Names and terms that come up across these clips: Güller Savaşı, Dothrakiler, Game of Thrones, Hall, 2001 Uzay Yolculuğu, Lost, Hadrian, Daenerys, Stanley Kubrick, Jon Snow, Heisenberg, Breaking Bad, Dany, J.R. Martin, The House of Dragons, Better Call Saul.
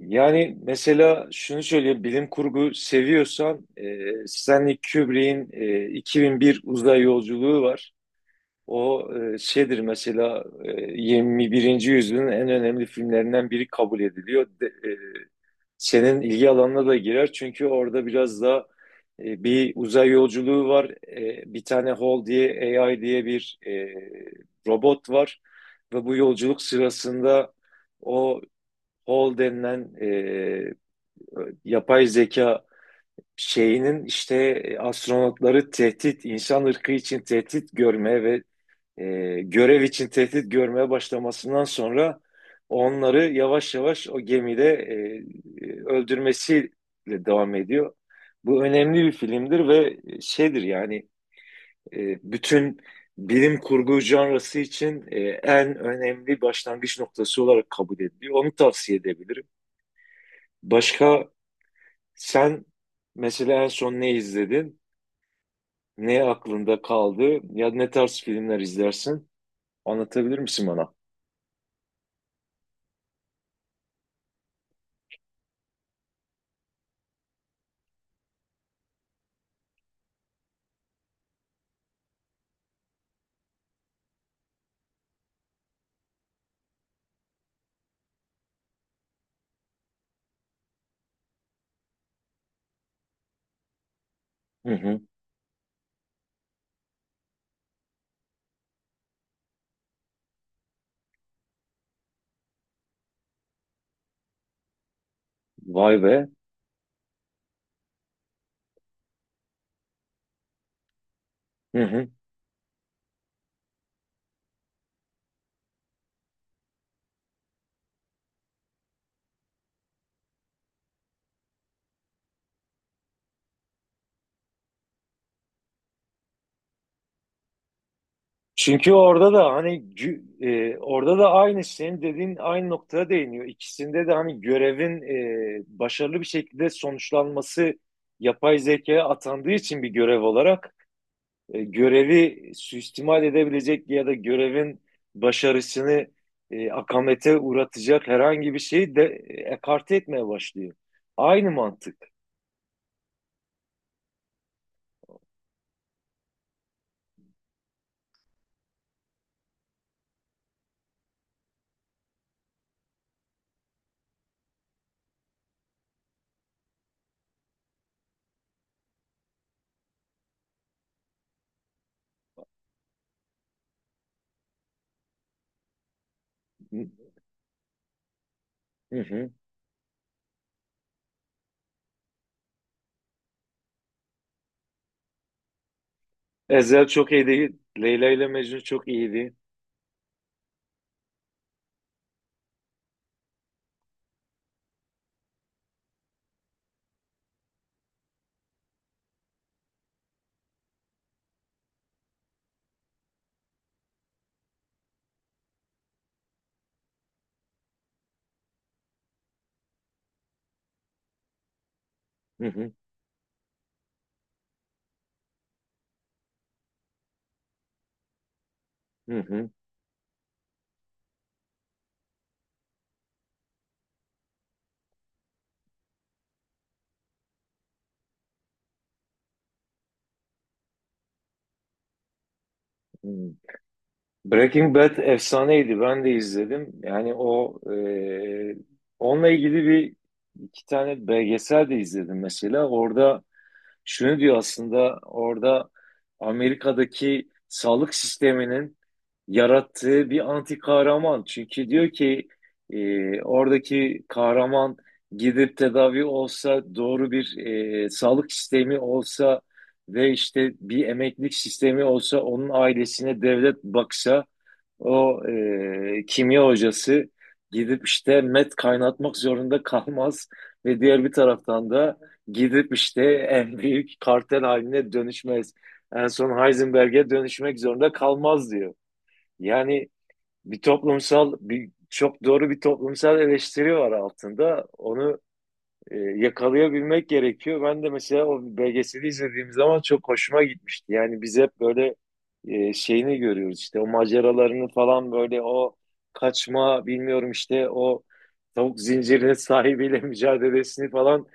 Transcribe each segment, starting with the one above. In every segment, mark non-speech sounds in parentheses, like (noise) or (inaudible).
Yani mesela şunu söyleyeyim, bilim kurgu seviyorsan Stanley Kubrick'in 2001 Uzay Yolculuğu var. O şeydir mesela, e, 21. yüzyılın en önemli filmlerinden biri kabul ediliyor. Senin ilgi alanına da girer çünkü orada biraz da bir uzay yolculuğu var. Bir tane Hall diye AI diye bir robot var ve bu yolculuk sırasında o Hall denilen yapay zeka şeyinin işte astronotları tehdit, insan ırkı için tehdit görmeye ve görev için tehdit görmeye başlamasından sonra onları yavaş yavaş o gemide öldürmesiyle devam ediyor. Bu önemli bir filmdir ve şeydir yani, bütün bilim kurgu janrası için en önemli başlangıç noktası olarak kabul ediliyor. Onu tavsiye edebilirim. Başka, sen mesela en son ne izledin? Ne aklında kaldı? Ya ne tarz filmler izlersin? Anlatabilir misin bana? Hı hı. Vay be. Hı hı. Çünkü orada da orada da aynı senin dediğin aynı noktaya değiniyor. İkisinde de hani görevin başarılı bir şekilde sonuçlanması yapay zekaya atandığı için bir görev olarak görevi suistimal edebilecek ya da görevin başarısını akamete uğratacak herhangi bir şeyi de ekarte etmeye başlıyor. Aynı mantık. Hı hı. Ezel çok iyiydi. Leyla ile Mecnun çok iyiydi. Hı hı. Hı hı. Hı. Breaking Bad efsaneydi. Ben de izledim. Yani o, onunla ilgili bir iki tane belgesel de izledim mesela. Orada şunu diyor aslında, orada Amerika'daki sağlık sisteminin yarattığı bir anti kahraman. Çünkü diyor ki oradaki kahraman gidip tedavi olsa, doğru bir sağlık sistemi olsa ve işte bir emeklilik sistemi olsa, onun ailesine devlet baksa, o kimya hocası gidip işte met kaynatmak zorunda kalmaz ve diğer bir taraftan da gidip işte en büyük kartel haline dönüşmez. En son Heisenberg'e dönüşmek zorunda kalmaz diyor. Yani bir toplumsal, bir çok doğru bir toplumsal eleştiri var altında. Onu yakalayabilmek gerekiyor. Ben de mesela o belgeseli izlediğim zaman çok hoşuma gitmişti. Yani biz hep böyle şeyini görüyoruz işte, o maceralarını falan, böyle o kaçma bilmiyorum işte, o tavuk zincirinin (laughs) sahibiyle mücadelesini falan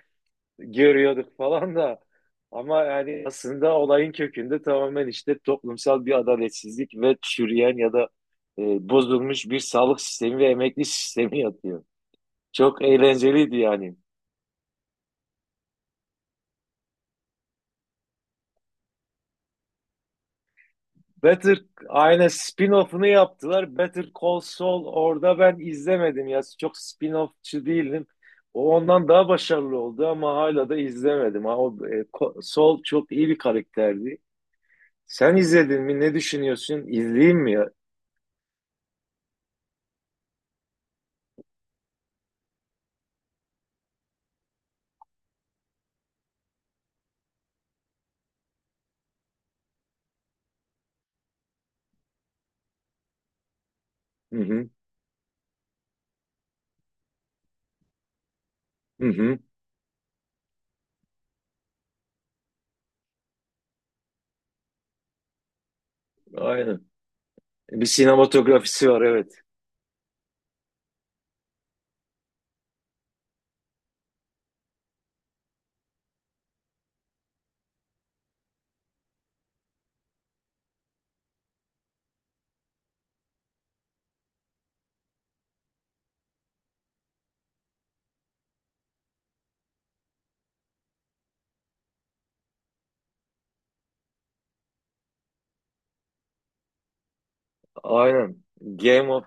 görüyorduk falan da, ama yani aslında olayın kökünde tamamen işte toplumsal bir adaletsizlik ve çürüyen ya da bozulmuş bir sağlık sistemi ve emekli sistemi yatıyor. Çok eğlenceliydi yani. Better aynen, spin-off'unu yaptılar. Better Call Saul, orada ben izlemedim ya. Çok spin offçı değilim. O ondan daha başarılı oldu ama hala da izlemedim. Ha, o, Saul çok iyi bir karakterdi. Sen izledin mi? Ne düşünüyorsun? İzleyeyim mi ya? Hı hı. Hı hı, aynen. Bir sinematografisi var evet. Aynen. Game of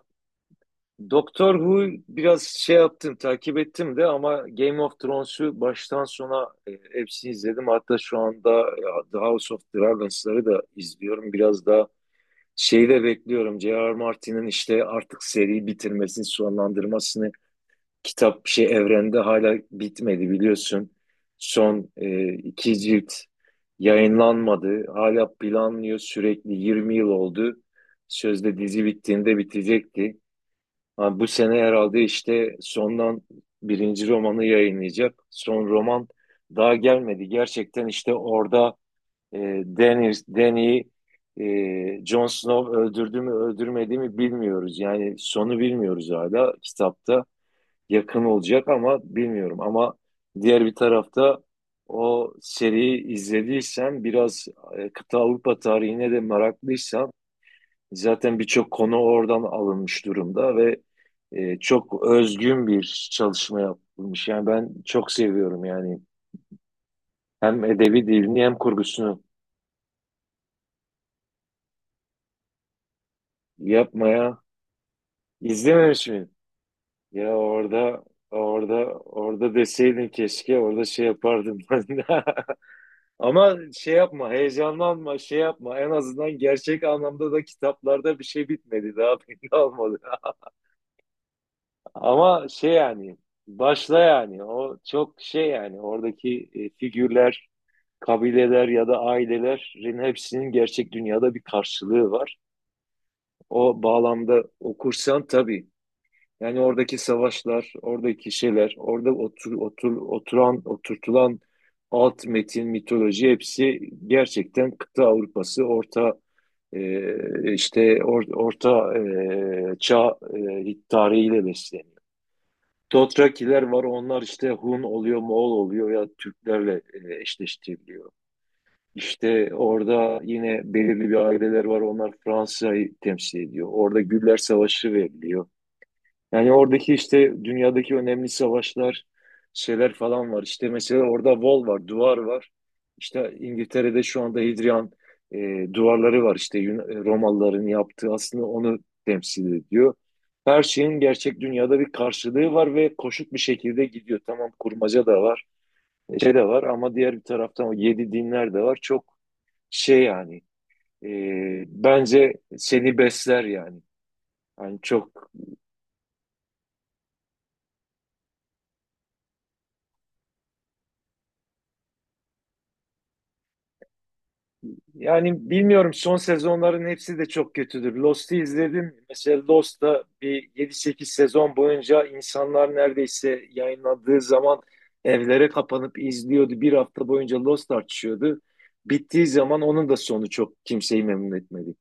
Doctor Who biraz şey yaptım, takip ettim de, ama Game of Thrones'u baştan sona hepsini izledim. Hatta şu anda The House of Dragons'ları da izliyorum. Biraz daha şeyi de bekliyorum. J.R. Martin'in işte artık seriyi bitirmesini, sonlandırmasını. Kitap şey, evrende hala bitmedi biliyorsun. Son iki cilt yayınlanmadı. Hala planlıyor sürekli, 20 yıl oldu. Sözde dizi bittiğinde bitecekti. Ha, bu sene herhalde işte sondan birinci romanı yayınlayacak. Son roman daha gelmedi. Gerçekten işte orada e, Daenerys, Dany, Jon Snow öldürdü mü öldürmedi mi bilmiyoruz. Yani sonu bilmiyoruz, hala kitapta yakın olacak ama bilmiyorum. Ama diğer bir tarafta, o seriyi izlediysen, biraz kıta Avrupa tarihine de meraklıysan, zaten birçok konu oradan alınmış durumda ve çok özgün bir çalışma yapılmış. Yani ben çok seviyorum yani, hem edebi dilini hem kurgusunu yapmaya. İzlememiş miyim? Ya orada, orada orada deseydin keşke, orada şey yapardım (laughs) ben. Ama şey yapma, heyecanlanma, şey yapma. En azından gerçek anlamda da kitaplarda bir şey bitmedi. Daha belli olmadı. (laughs) Ama şey yani, başla yani. O çok şey yani, oradaki figürler, kabileler ya da ailelerin hepsinin gerçek dünyada bir karşılığı var. O bağlamda okursan tabii. Yani oradaki savaşlar, oradaki şeyler, orada oturtulan alt metin, mitoloji, hepsi gerçekten kıta Avrupası, orta e, işte or- orta e, çağ tarihiyle besleniyor. Dothrakiler var, onlar işte Hun oluyor, Moğol oluyor ya, Türklerle eşleştiriliyor. İşte orada yine belirli bir aileler var, onlar Fransa'yı temsil ediyor. Orada Güller Savaşı veriliyor. Yani oradaki işte dünyadaki önemli savaşlar, şeyler falan var. İşte mesela orada wall var, duvar var. İşte İngiltere'de şu anda Hadrian duvarları var. İşte Romalıların yaptığı aslında onu temsil ediyor. Her şeyin gerçek dünyada bir karşılığı var ve koşut bir şekilde gidiyor. Tamam kurmaca da var, şey de var, ama diğer bir taraftan o yedi dinler de var. Çok şey yani, bence seni besler yani. Yani çok. Yani bilmiyorum, son sezonların hepsi de çok kötüdür. Lost'u izledim. Mesela Lost'ta bir 7-8 sezon boyunca insanlar neredeyse yayınlandığı zaman evlere kapanıp izliyordu. Bir hafta boyunca Lost tartışıyordu. Bittiği zaman onun da sonu çok kimseyi memnun etmedi.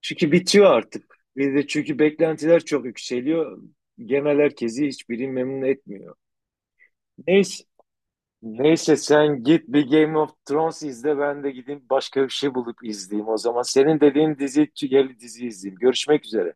Çünkü bitiyor artık. Bir de çünkü beklentiler çok yükseliyor. Genel herkesi hiçbiri memnun etmiyor. Neyse. Neyse sen git bir Game of Thrones izle, ben de gideyim başka bir şey bulup izleyeyim o zaman. Senin dediğin dizi, tüyeli dizi izleyeyim. Görüşmek üzere.